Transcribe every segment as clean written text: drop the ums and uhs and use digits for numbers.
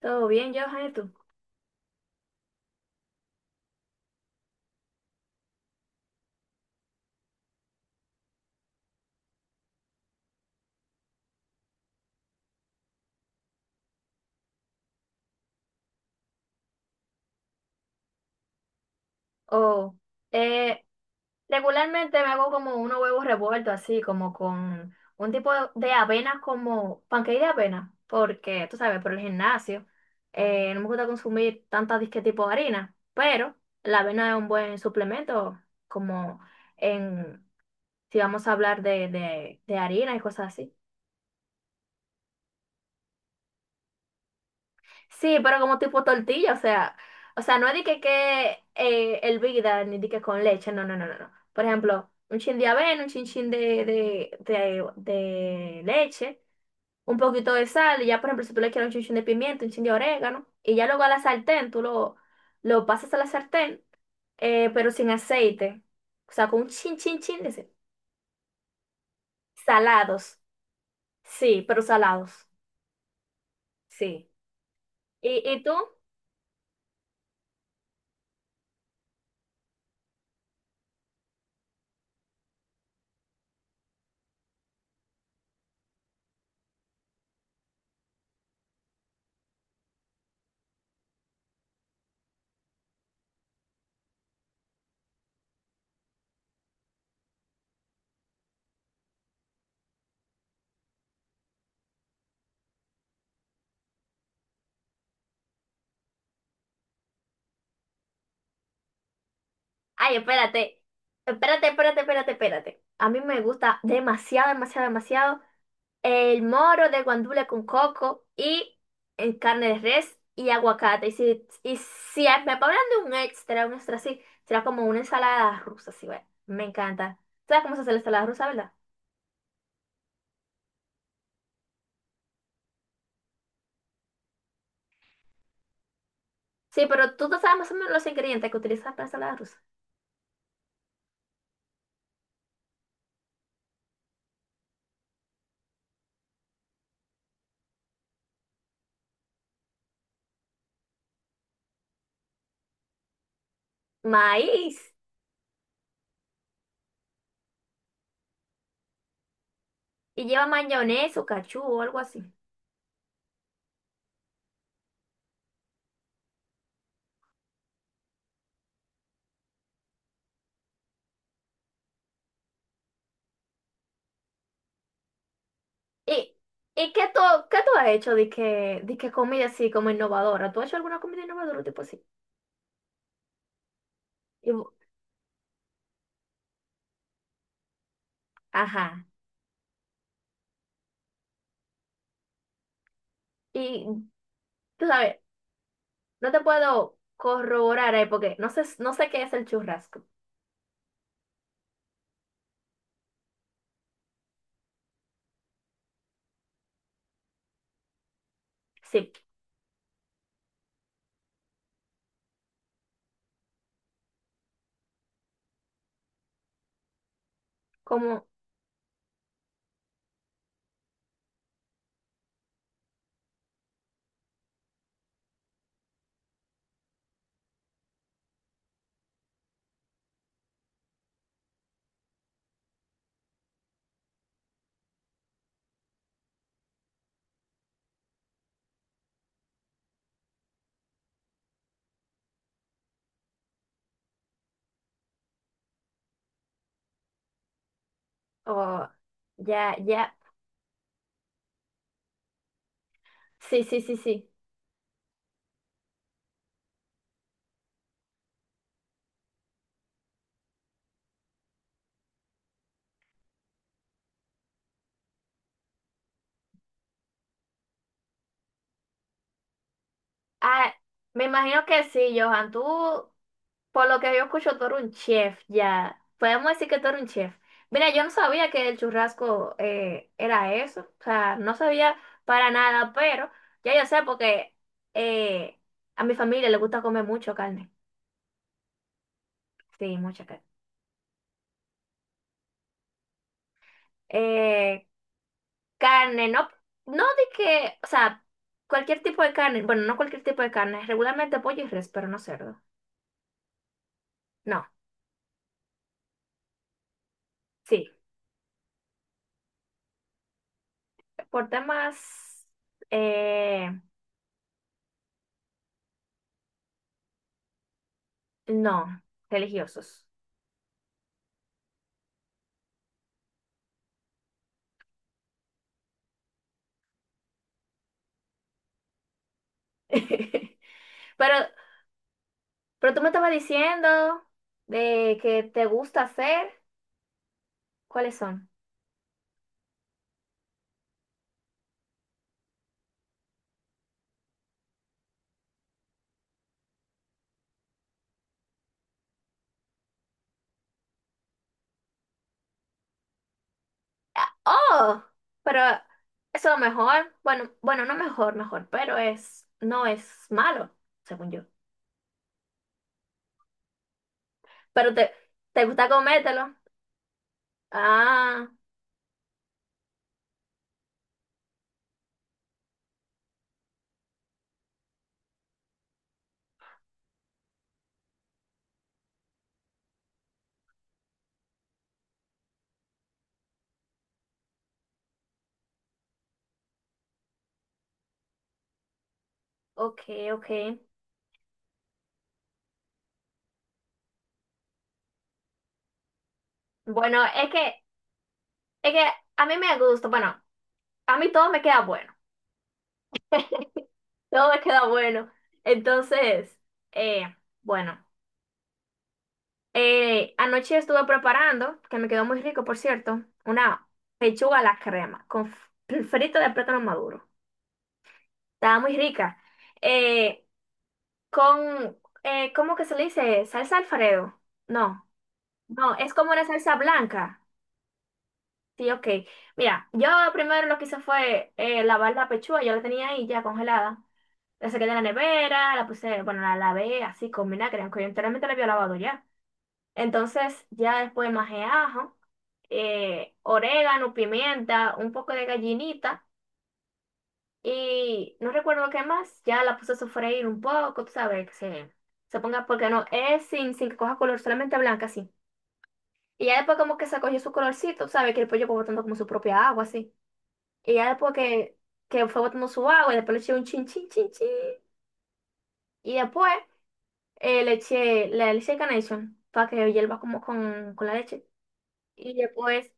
Todo bien, Johan, ¿y tú? Oh, eh, regularmente me hago como unos huevos revueltos, así como con un tipo de avena, como pancake de avena, porque tú sabes, por el gimnasio, no me gusta consumir tantas disque tipo de harina, pero la avena es un buen suplemento, como en, si vamos a hablar de harina y cosas así. Sí, pero como tipo tortilla, o sea, no es de que hervida ni de que con leche, no, no, no, no, no. Por ejemplo, un chin de avena, un chin chin de leche, un poquito de sal, y ya por ejemplo, si tú le quieres un chin chin de pimienta, un chin de orégano, y ya luego a la sartén, lo pasas a la sartén, pero sin aceite, o sea, con un chin chin chin de ese- salados, sí, pero salados, sí. ¿Y tú? Ay, espérate. Espérate, espérate, espérate, espérate. A mí me gusta demasiado, demasiado, demasiado el moro de guandule con coco y en carne de res y aguacate. Y si me ponen de un extra así, será como una ensalada rusa, sí, güey. Me encanta. ¿Sabes cómo se hace la ensalada rusa, verdad? Sí, pero tú no sabes más o menos los ingredientes que utilizas para la ensalada rusa. Maíz. Y lleva mayonesa o cachú o algo así. ¿Y, y qué tú has hecho de que comida así como innovadora? ¿Tú has hecho alguna comida innovadora tipo así? Y bu- ajá. Y tú sabes, no te puedo corroborar ahí porque no sé qué es el churrasco. Sí, como, oh, ya, ya. Sí, sí, sí, sí. Ah, me imagino que sí, Johan. Tú, por lo que yo escucho, tú eres un chef ya. Podemos decir que tú eres un chef. Mira, yo no sabía que el churrasco era eso. O sea, no sabía para nada, pero ya yo sé porque eh, a mi familia le gusta comer mucho carne. Sí, mucha carne. Eh, carne, no, no de que, o sea, cualquier tipo de carne. Bueno, no cualquier tipo de carne. Regularmente pollo y res, pero no cerdo. No, sí, por temas, eh, no, religiosos. Pero, pero tú me estabas diciendo de que te gusta hacer. ¿Cuáles son? Ah, oh, pero eso es mejor. Bueno, bueno, no mejor, mejor, pero es, no es malo, según yo. Pero te gusta comértelo. Ah, ok, ok. Bueno, es que a mí me gusta, bueno, a mí todo me queda bueno. Todo me queda bueno. Entonces, eh, bueno. Anoche estuve preparando, que me quedó muy rico, por cierto, una pechuga a la crema con f- frito de plátano maduro. Estaba muy rica. Eh, con, ¿cómo que se le dice? ¿Salsa Alfredo? No, no, es como una salsa blanca. Sí, ok. Mira, yo primero lo que hice fue lavar la pechuga, yo la tenía ahí ya congelada. La saqué de la nevera, la puse, bueno, la lavé así con vinagre, aunque yo anteriormente la había lavado ya. Entonces ya después majé ajo, orégano, pimienta, un poco de gallinita y no recuerdo qué más. Ya la puse a sofreír un poco, tú sabes, se ponga, porque no, es sin, sin que coja color, solamente blanca así. Y ya después como que se cogió su colorcito, tú sabes, que el pollo fue botando como su propia agua así. Y ya después que fue botando su agua y después le eché un chin, chin, chin, chin. Y después le eché Carnation para que hierva con la leche. Y después...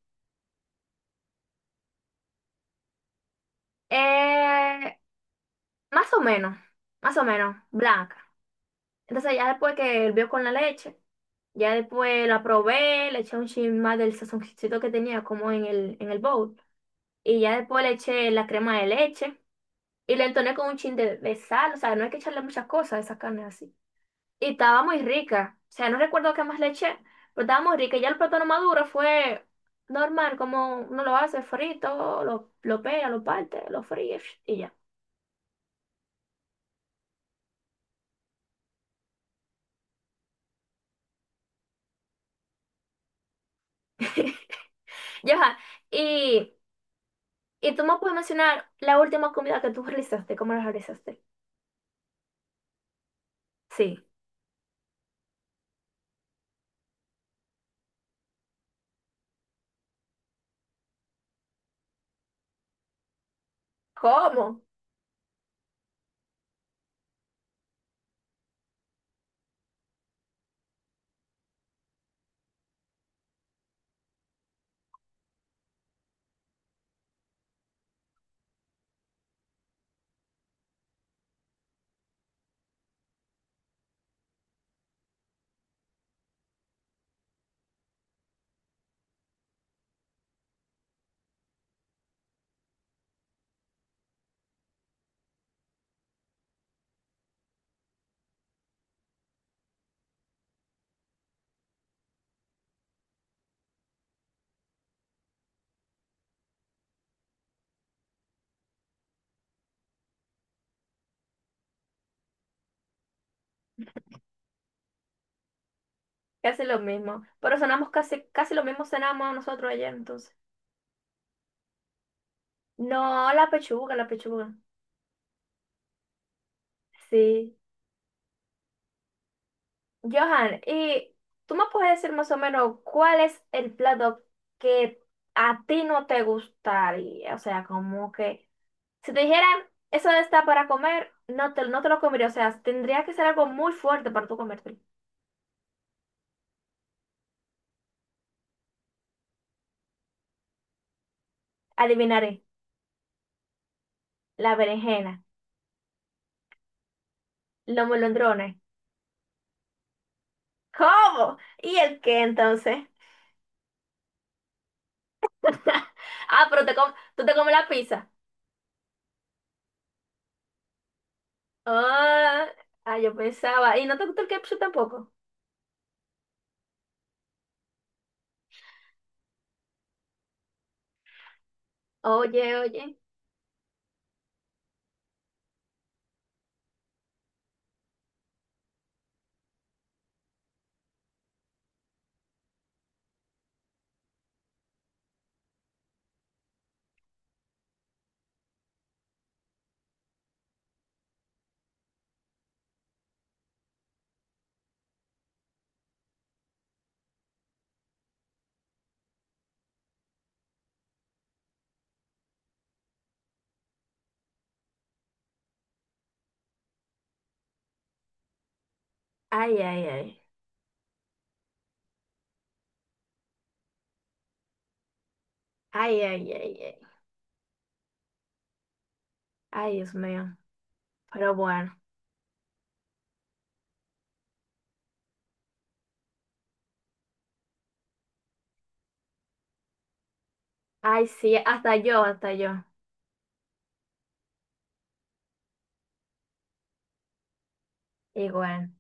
Eh, más o menos, más o menos, blanca. Entonces ya después que hervió con la leche, ya después la probé, le eché un chin más del sazoncito que tenía como en el bowl. Y ya después le eché la crema de leche y le entoné con un chin de sal. O sea, no hay que echarle muchas cosas a esa carne así. Y estaba muy rica. O sea, no recuerdo qué más le eché, pero estaba muy rica. Ya el plátano maduro fue normal, como uno lo hace frito, lo pega, lo parte, lo fríe y ya. Ya, y... ¿Y tú me puedes mencionar la última comida que tú realizaste? ¿Cómo la realizaste? Sí. ¿Cómo? Casi lo mismo. Pero cenamos casi, casi lo mismo cenamos nosotros ayer, entonces. No, la pechuga, la pechuga. Sí. Johan, ¿y tú me puedes decir más o menos cuál es el plato que a ti no te gustaría? O sea, como que si te dijeran, eso está para comer, no te lo comería. O sea, tendría que ser algo muy fuerte para tú comértelo. Adivinaré, la berenjena. Los molondrones. ¿Cómo? ¿Y el qué entonces? Ah, pero te com- tú te comes la pizza. Ah, ah, yo pensaba. ¿Y no te gusta el ketchup tampoco? Oye, oye. Ay, ay, ay. Ay, ay, ay, ay. Ay, Dios mío. Pero bueno. Ay, sí, hasta yo, hasta yo. Igual.